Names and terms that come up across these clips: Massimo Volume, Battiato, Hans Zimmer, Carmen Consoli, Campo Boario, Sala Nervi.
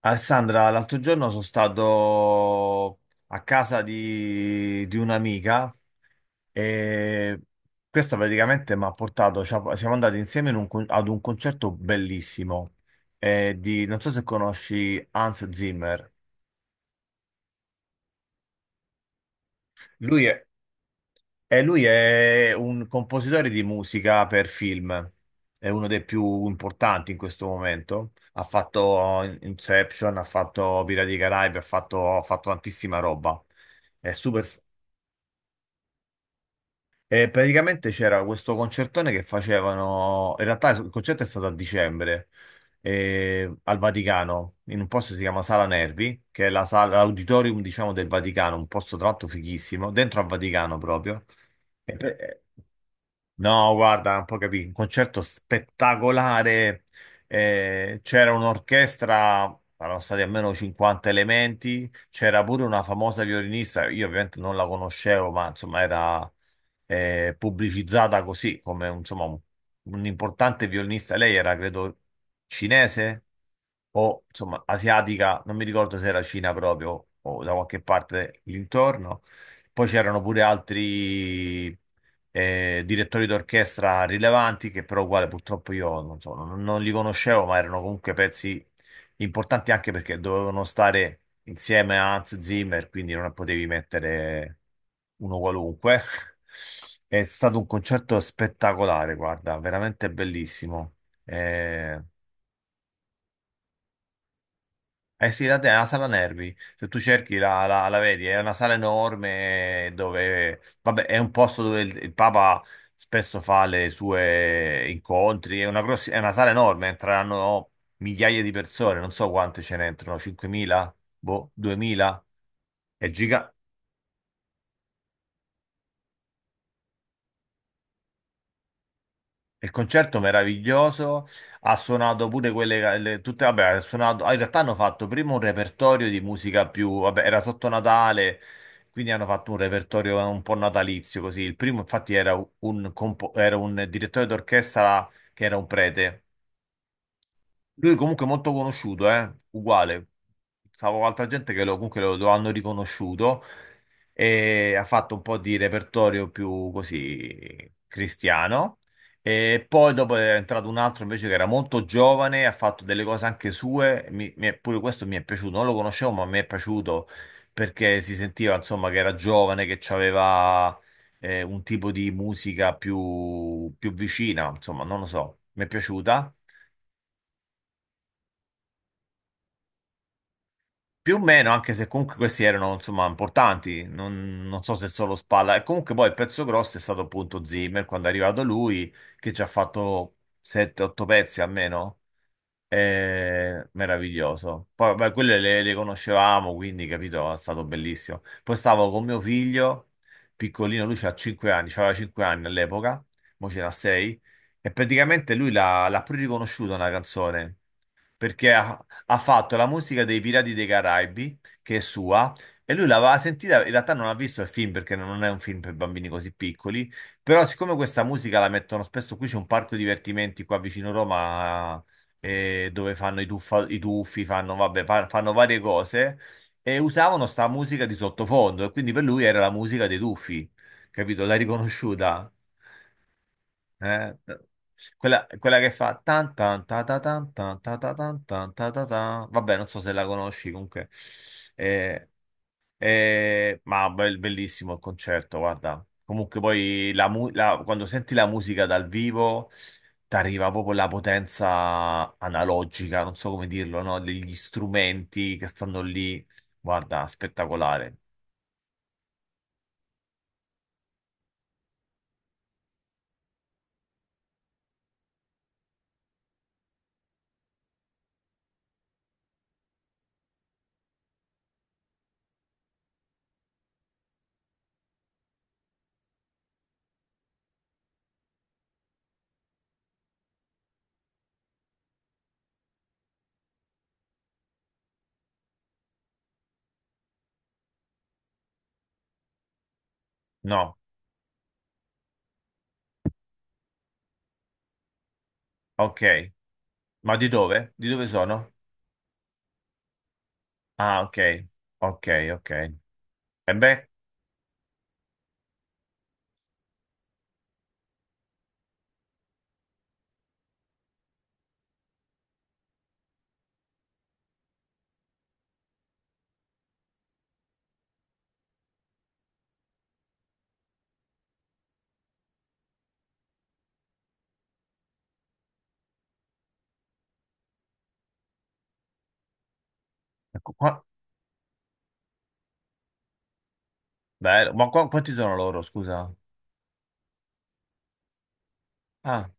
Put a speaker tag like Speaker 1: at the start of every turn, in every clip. Speaker 1: Alessandra, l'altro giorno sono stato a casa di un'amica e questa praticamente mi ha portato, siamo andati insieme ad un concerto bellissimo, non so se conosci Hans Zimmer. lui è, e lui è un compositore di musica per film, è uno dei più importanti in questo momento. Ha fatto Inception, ha fatto Pirati dei Caraibi, ha fatto tantissima roba. È super. E praticamente c'era questo concertone che facevano. In realtà il concerto è stato a dicembre, al Vaticano, in un posto che si chiama Sala Nervi, che è la sala, l'auditorium, diciamo, del Vaticano, un posto tra l'altro fighissimo, dentro al Vaticano proprio. E per- eh, No, guarda, non puoi capire, un concerto spettacolare. C'era un'orchestra, erano stati almeno 50 elementi, c'era pure una famosa violinista, io ovviamente non la conoscevo, ma insomma era, pubblicizzata così come insomma un importante violinista. Lei era, credo, cinese o insomma asiatica, non mi ricordo se era Cina proprio o da qualche parte l'intorno. Poi c'erano pure altri, direttori d'orchestra rilevanti che però uguale purtroppo io non so, non li conoscevo, ma erano comunque pezzi importante anche perché dovevano stare insieme a Hans Zimmer, quindi non potevi mettere uno qualunque. È stato un concerto spettacolare, guarda, veramente bellissimo. Eh, Eh sì, da te è una sala nervi, se tu cerchi la vedi, è una sala enorme dove, vabbè, è un posto dove il Papa spesso fa le sue incontri, è una, è una sala enorme, entreranno migliaia di persone, non so quante ce ne entrano, 5.000, boh, 2.000, è gigante. Il concerto meraviglioso, ha suonato pure quelle, tutte, vabbè, ha suonato, ah, in realtà hanno fatto prima un repertorio di musica più, vabbè, era sotto Natale, quindi hanno fatto un repertorio un po' natalizio così. Il primo infatti era un, era un direttore d'orchestra che era un prete, lui comunque è molto conosciuto, eh? Uguale. Stavo con altra gente che lo, comunque lo hanno riconosciuto e ha fatto un po' di repertorio più così cristiano. E poi dopo è entrato un altro invece che era molto giovane, ha fatto delle cose anche sue. Pure questo mi è piaciuto, non lo conoscevo, ma mi è piaciuto perché si sentiva insomma che era giovane, che aveva un tipo di musica più, più vicina, insomma, non lo so, mi è piaciuta. Più o meno, anche se comunque questi erano insomma importanti, non so se solo spalla. E comunque poi il pezzo grosso è stato appunto Zimmer quando è arrivato lui, che ci ha fatto 7-8 pezzi almeno. Meraviglioso. Poi vabbè, quelle le conoscevamo, quindi capito, è stato bellissimo. Poi stavo con mio figlio, piccolino, lui c'ha 5 anni, c'aveva 5 anni all'epoca, mo ce n'ha 6, e praticamente lui l'ha pure riconosciuta una canzone perché ha fatto la musica dei Pirati dei Caraibi, che è sua, e lui l'aveva sentita, in realtà non ha visto il film perché non è un film per bambini così piccoli, però siccome questa musica la mettono spesso, qui c'è un parco divertimenti qua vicino Roma, dove fanno i tuffi, fanno, vabbè, fanno varie cose e usavano sta musica di sottofondo e quindi per lui era la musica dei tuffi, capito? L'ha riconosciuta. Eh, t- Quella, quella che fa tan tan ta ta tan tan ta ta tan tan ta ta tan. Vabbè, non so se la conosci comunque. Eh, ma bellissimo il concerto, guarda. Comunque poi quando senti la musica dal vivo ti arriva proprio la potenza analogica, non so come dirlo, no? Degli strumenti che stanno lì. Guarda, spettacolare. No, ok. Ma di dove? Di dove sono? Ah, ok. Ok, ok. E beh, ecco qua. Bello. Ma qua, quanti sono loro, scusa? Ah,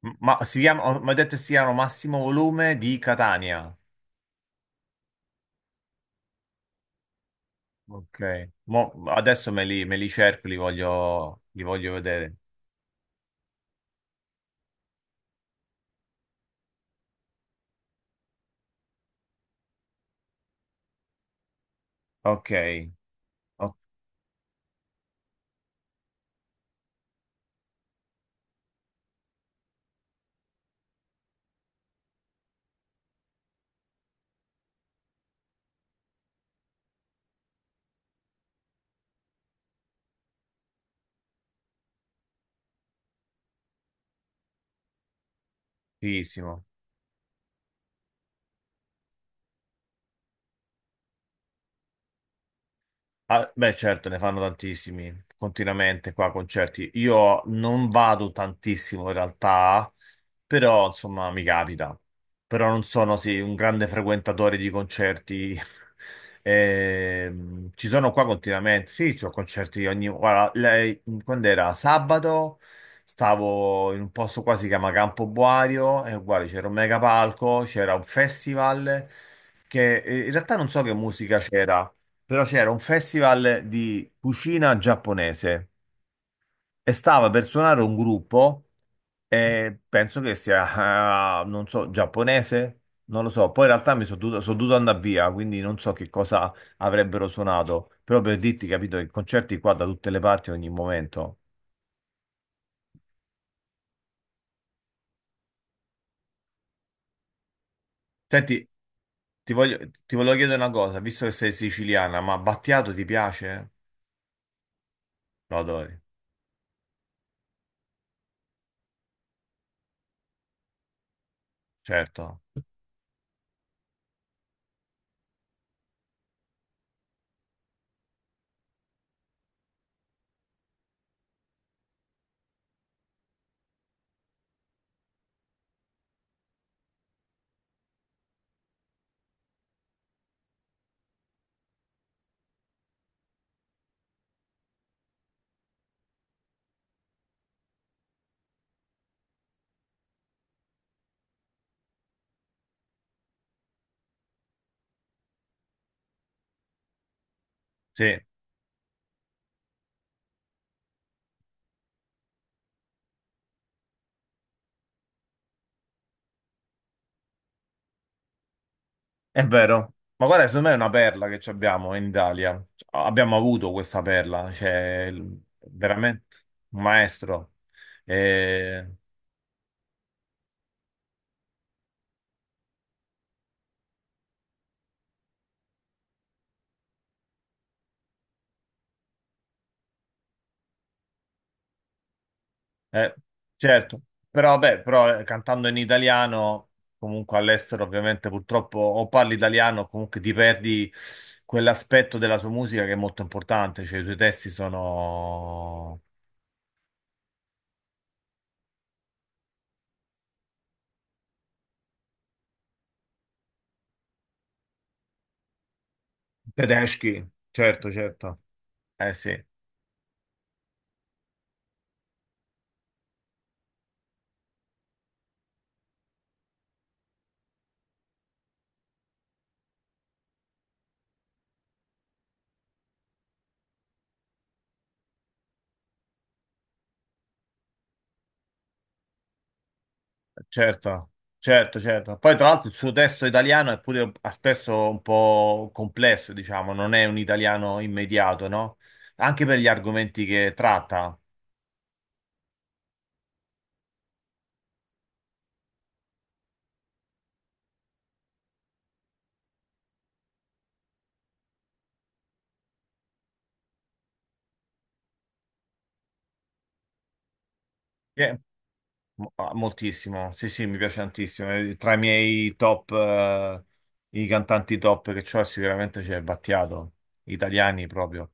Speaker 1: ma si chiamano, mi ha detto si chiamano Massimo Volume di Catania. Ok. Adesso me li cerco, li voglio vedere. Ok. Ottissimo. Ah, beh, certo, ne fanno tantissimi continuamente qua concerti. Io non vado tantissimo in realtà, però insomma mi capita. Però non sono sì, un grande frequentatore di concerti. Ci sono qua continuamente. Sì, ci sono concerti ogni... Guarda, quando era sabato stavo in un posto qua si chiama Campo Boario e guarda, c'era un mega palco, c'era un festival che, in realtà non so che musica c'era, però c'era un festival di cucina giapponese e stava per suonare un gruppo, e penso che sia, ah, non so, giapponese, non lo so. Poi in realtà sono dovuto andare via, quindi non so che cosa avrebbero suonato, però per dirti, capito, i concerti qua da tutte le parti, ogni momento. Senti, ti voglio, ti volevo chiedere una cosa, visto che sei siciliana, ma Battiato ti piace? Lo adori, certo. Sì. È vero, ma guarda, secondo me è una perla che ci abbiamo in Italia. Cioè, abbiamo avuto questa perla, veramente un maestro. E- eh, certo, però vabbè, però cantando in italiano, comunque all'estero ovviamente purtroppo o parli italiano o comunque ti perdi quell'aspetto della sua musica che è molto importante, cioè i suoi testi sono tedeschi, certo, certo. Eh sì. Certo, certo. Poi tra l'altro il suo testo italiano è pure spesso un po' complesso, diciamo, non è un italiano immediato, no? Anche per gli argomenti che tratta. Moltissimo, sì, sì, mi piace tantissimo. Tra i miei top, i cantanti top che c'ho, sicuramente c'è Battiato, italiani proprio,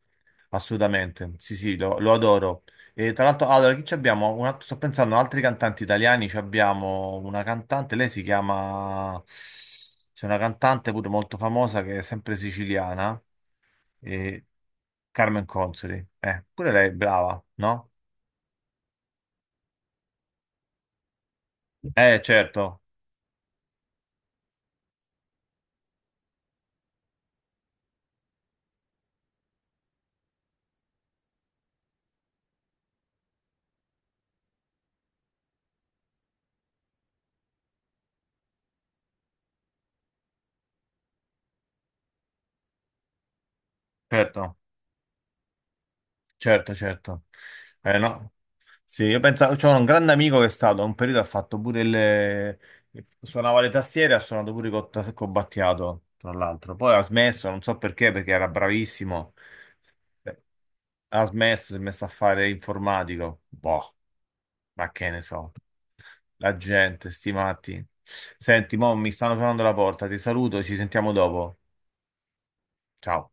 Speaker 1: assolutamente. Sì, sì, lo adoro. E tra l'altro, allora, chi ci abbiamo? Sto pensando, a altri cantanti italiani, ci abbiamo una cantante, lei si chiama... C'è una cantante pure molto famosa che è sempre siciliana, e Carmen Consoli. Pure lei è brava, no? Certo, certo. Certo, certo. No. Sì, io pensavo, c'ho un grande amico che è stato, a un periodo ha fatto pure il... suonava le tastiere, ha suonato pure con Battiato, tra l'altro. Poi ha smesso, non so perché, perché era bravissimo. Eh, Ha smesso, si è messo a fare informatico. Boh, ma che ne so. La gente, sti matti. Senti, mo mi stanno suonando la porta, ti saluto, ci sentiamo dopo. Ciao.